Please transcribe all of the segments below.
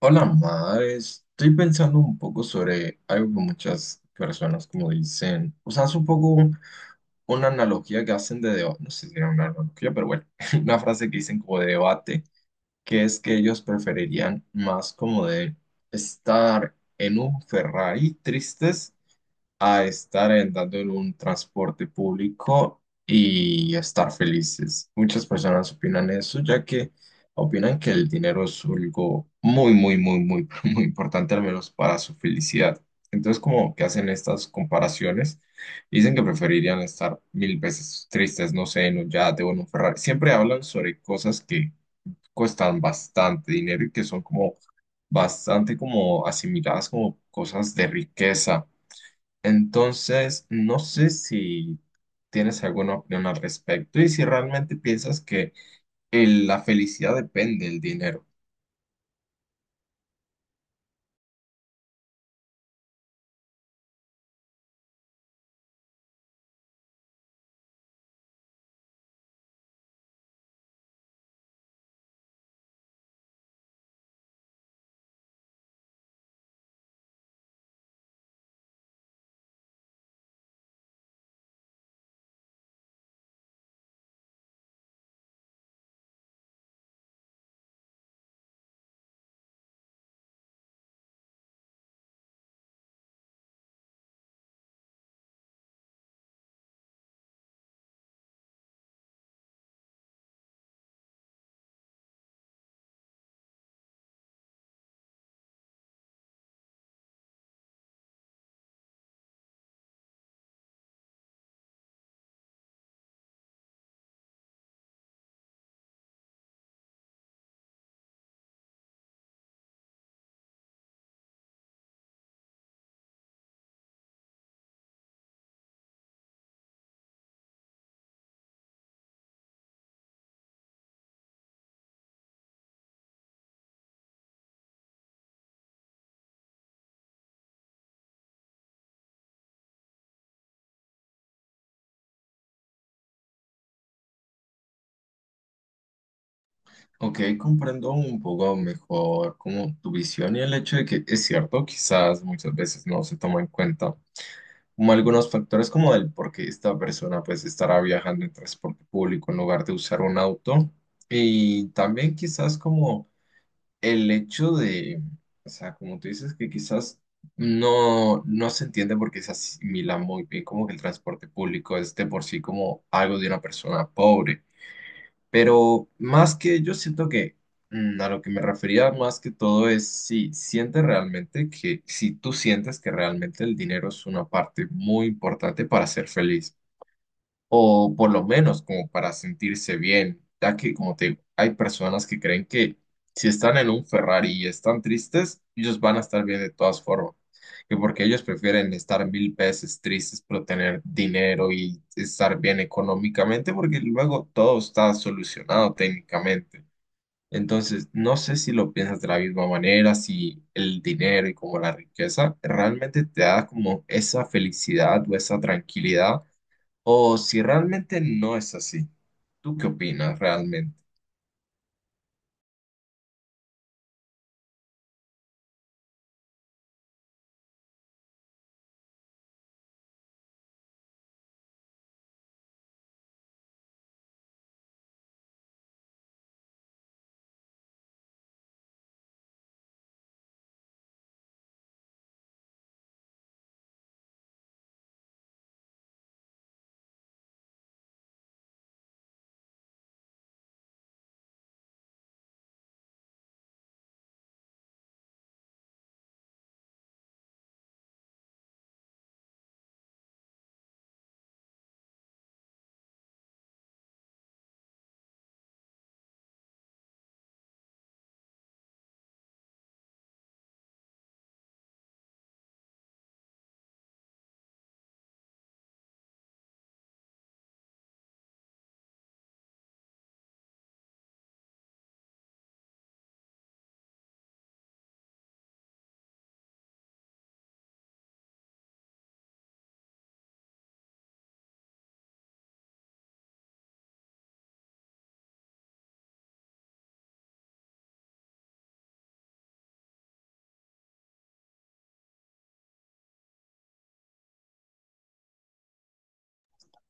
Hola, madre. Estoy pensando un poco sobre algo que muchas personas como dicen, o sea, es un poco una analogía que hacen de debate, no sé si era una analogía, pero bueno, una frase que dicen como de debate, que es que ellos preferirían más como de estar en un Ferrari tristes a estar andando en un transporte público y estar felices. Muchas personas opinan eso, ya que opinan que el dinero es algo muy, muy, muy, muy, muy importante, al menos para su felicidad. Entonces, como que hacen estas comparaciones, dicen que preferirían estar mil veces tristes, no sé, en un yate o en un Ferrari. Siempre hablan sobre cosas que cuestan bastante dinero y que son como bastante como asimiladas como cosas de riqueza. Entonces, no sé si tienes alguna opinión al respecto y si realmente piensas que la felicidad depende del dinero. Ok, comprendo un poco mejor como tu visión y el hecho de que es cierto, quizás muchas veces no se toma en cuenta como algunos factores como el por qué esta persona pues estará viajando en transporte público en lugar de usar un auto y también quizás como el hecho de, o sea, como tú dices, que quizás no, no se entiende porque se asimila muy bien como que el transporte público es de por sí como algo de una persona pobre. Pero más que yo siento que mm, a lo que me refería más que todo es si sientes realmente que, si tú sientes que realmente el dinero es una parte muy importante para ser feliz o por lo menos como para sentirse bien, ya que como te digo, hay personas que creen que si están en un Ferrari y están tristes, ellos van a estar bien de todas formas, que porque ellos prefieren estar mil veces tristes pero tener dinero y estar bien económicamente, porque luego todo está solucionado técnicamente. Entonces, no sé si lo piensas de la misma manera, si el dinero y como la riqueza realmente te da como esa felicidad o esa tranquilidad o si realmente no es así. ¿Tú qué opinas realmente?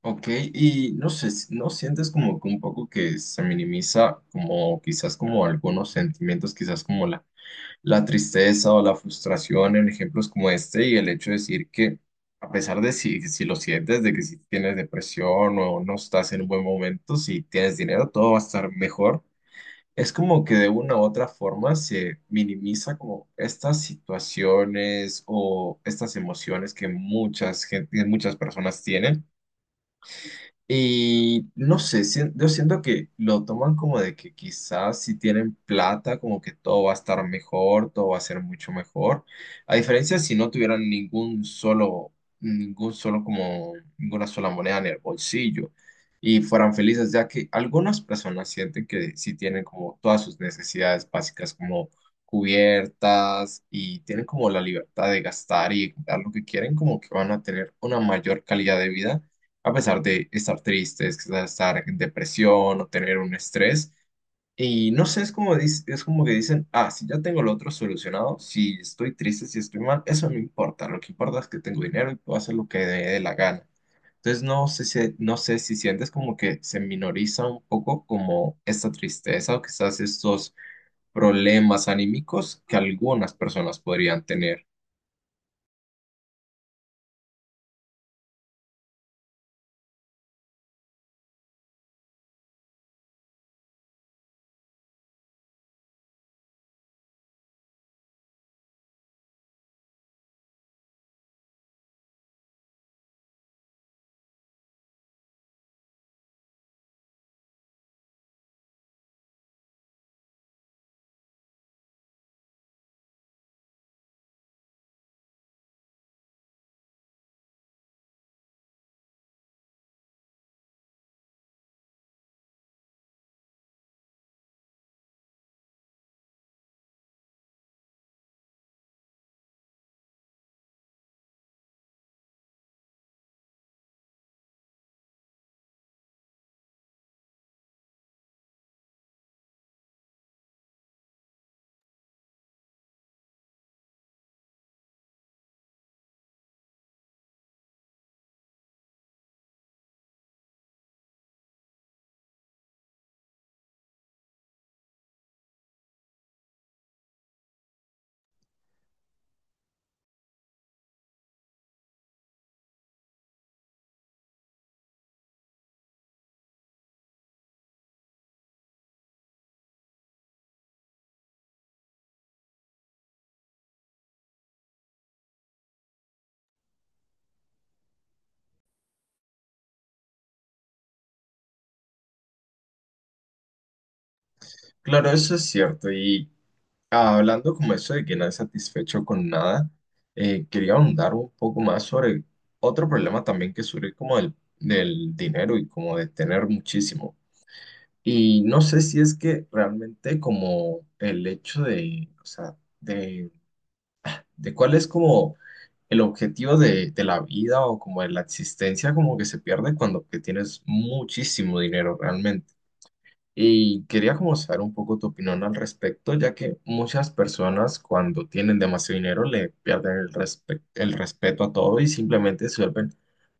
Ok, y no sé, ¿no sientes como que un poco que se minimiza como quizás como algunos sentimientos, quizás como la tristeza o la frustración en ejemplos como este y el hecho de decir que a pesar de si, si lo sientes, de que si tienes depresión o no estás en un buen momento, si tienes dinero, todo va a estar mejor? Es como que de una u otra forma se minimiza como estas situaciones o estas emociones que que muchas personas tienen. Y no sé, yo siento que lo toman como de que quizás si tienen plata, como que todo va a estar mejor, todo va a ser mucho mejor. A diferencia si no tuvieran ningún solo como, ninguna sola moneda en el bolsillo y fueran felices, ya que algunas personas sienten que si tienen como todas sus necesidades básicas como cubiertas y tienen como la libertad de gastar y comprar lo que quieren, como que van a tener una mayor calidad de vida a pesar de estar tristes, estar en depresión o tener un estrés. Y no sé, es como, es como que dicen, ah, si ya tengo lo otro solucionado, si estoy triste, si estoy mal, eso no importa. Lo que importa es que tengo dinero y puedo hacer lo que me dé la gana. Entonces, no sé si, no sé si sientes como que se minoriza un poco como esta tristeza o quizás estos problemas anímicos que algunas personas podrían tener. Claro, eso es cierto. Hablando como eso de que no es satisfecho con nada, quería ahondar un poco más sobre otro problema también que surge como del, del dinero y como de tener muchísimo. Y no sé si es que realmente como el hecho de, o sea, de cuál es como el objetivo de la vida o como de la existencia como que se pierde cuando que tienes muchísimo dinero realmente. Y quería como saber un poco tu opinión al respecto, ya que muchas personas cuando tienen demasiado dinero le pierden el respeto a todo y simplemente se vuelven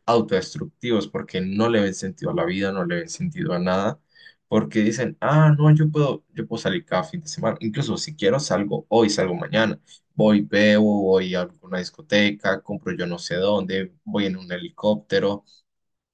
autodestructivos porque no le ven sentido a la vida, no le ven sentido a nada, porque dicen, ah, no, yo puedo salir cada fin de semana, incluso si quiero salgo hoy, salgo mañana, voy, bebo, voy a alguna discoteca, compro yo no sé dónde, voy en un helicóptero,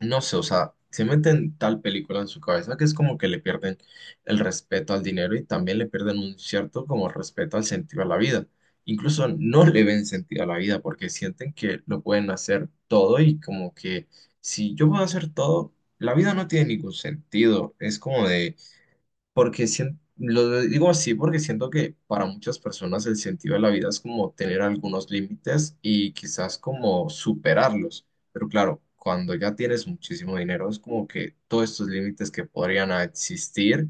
no sé, o sea, se meten tal película en su cabeza que es como que le pierden el respeto al dinero y también le pierden un cierto como respeto al sentido a la vida. Incluso no le ven sentido a la vida porque sienten que lo pueden hacer todo y como que si yo puedo hacer todo, la vida no tiene ningún sentido. Es como de porque lo digo así porque siento que para muchas personas el sentido de la vida es como tener algunos límites y quizás como superarlos. Pero claro, cuando ya tienes muchísimo dinero, es como que todos estos límites que podrían existir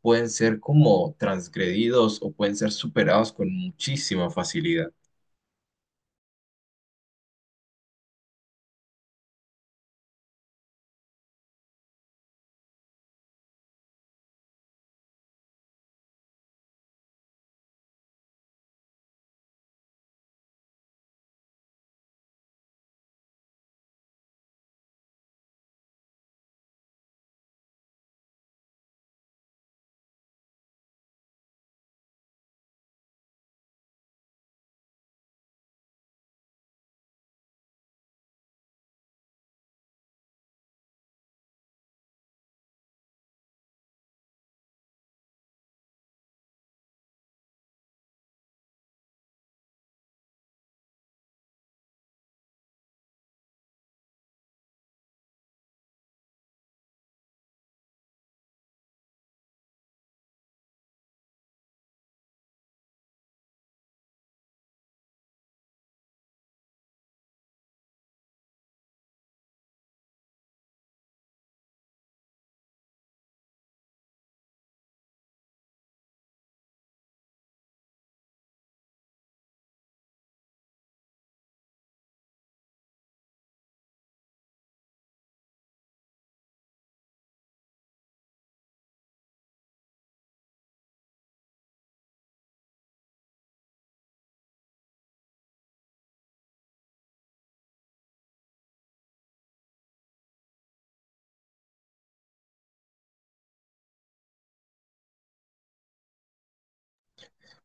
pueden ser como transgredidos o pueden ser superados con muchísima facilidad.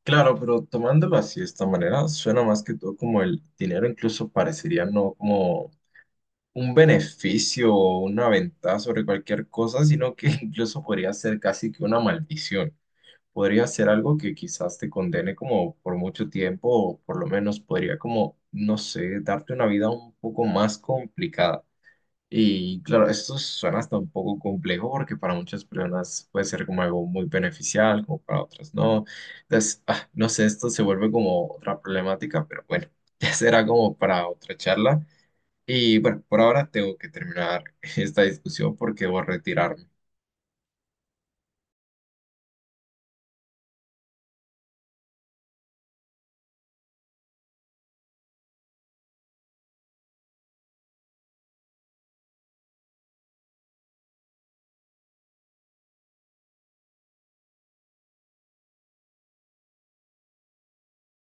Claro, pero tomándolo así de esta manera, suena más que todo como el dinero incluso parecería no como un beneficio o una ventaja sobre cualquier cosa, sino que incluso podría ser casi que una maldición. Podría ser algo que quizás te condene como por mucho tiempo o por lo menos podría como, no sé, darte una vida un poco más complicada. Y claro, esto suena hasta un poco complejo porque para muchas personas puede ser como algo muy beneficial, como para otras no. Entonces, no sé, esto se vuelve como otra problemática, pero bueno, ya será como para otra charla. Y bueno, por ahora tengo que terminar esta discusión porque debo retirarme.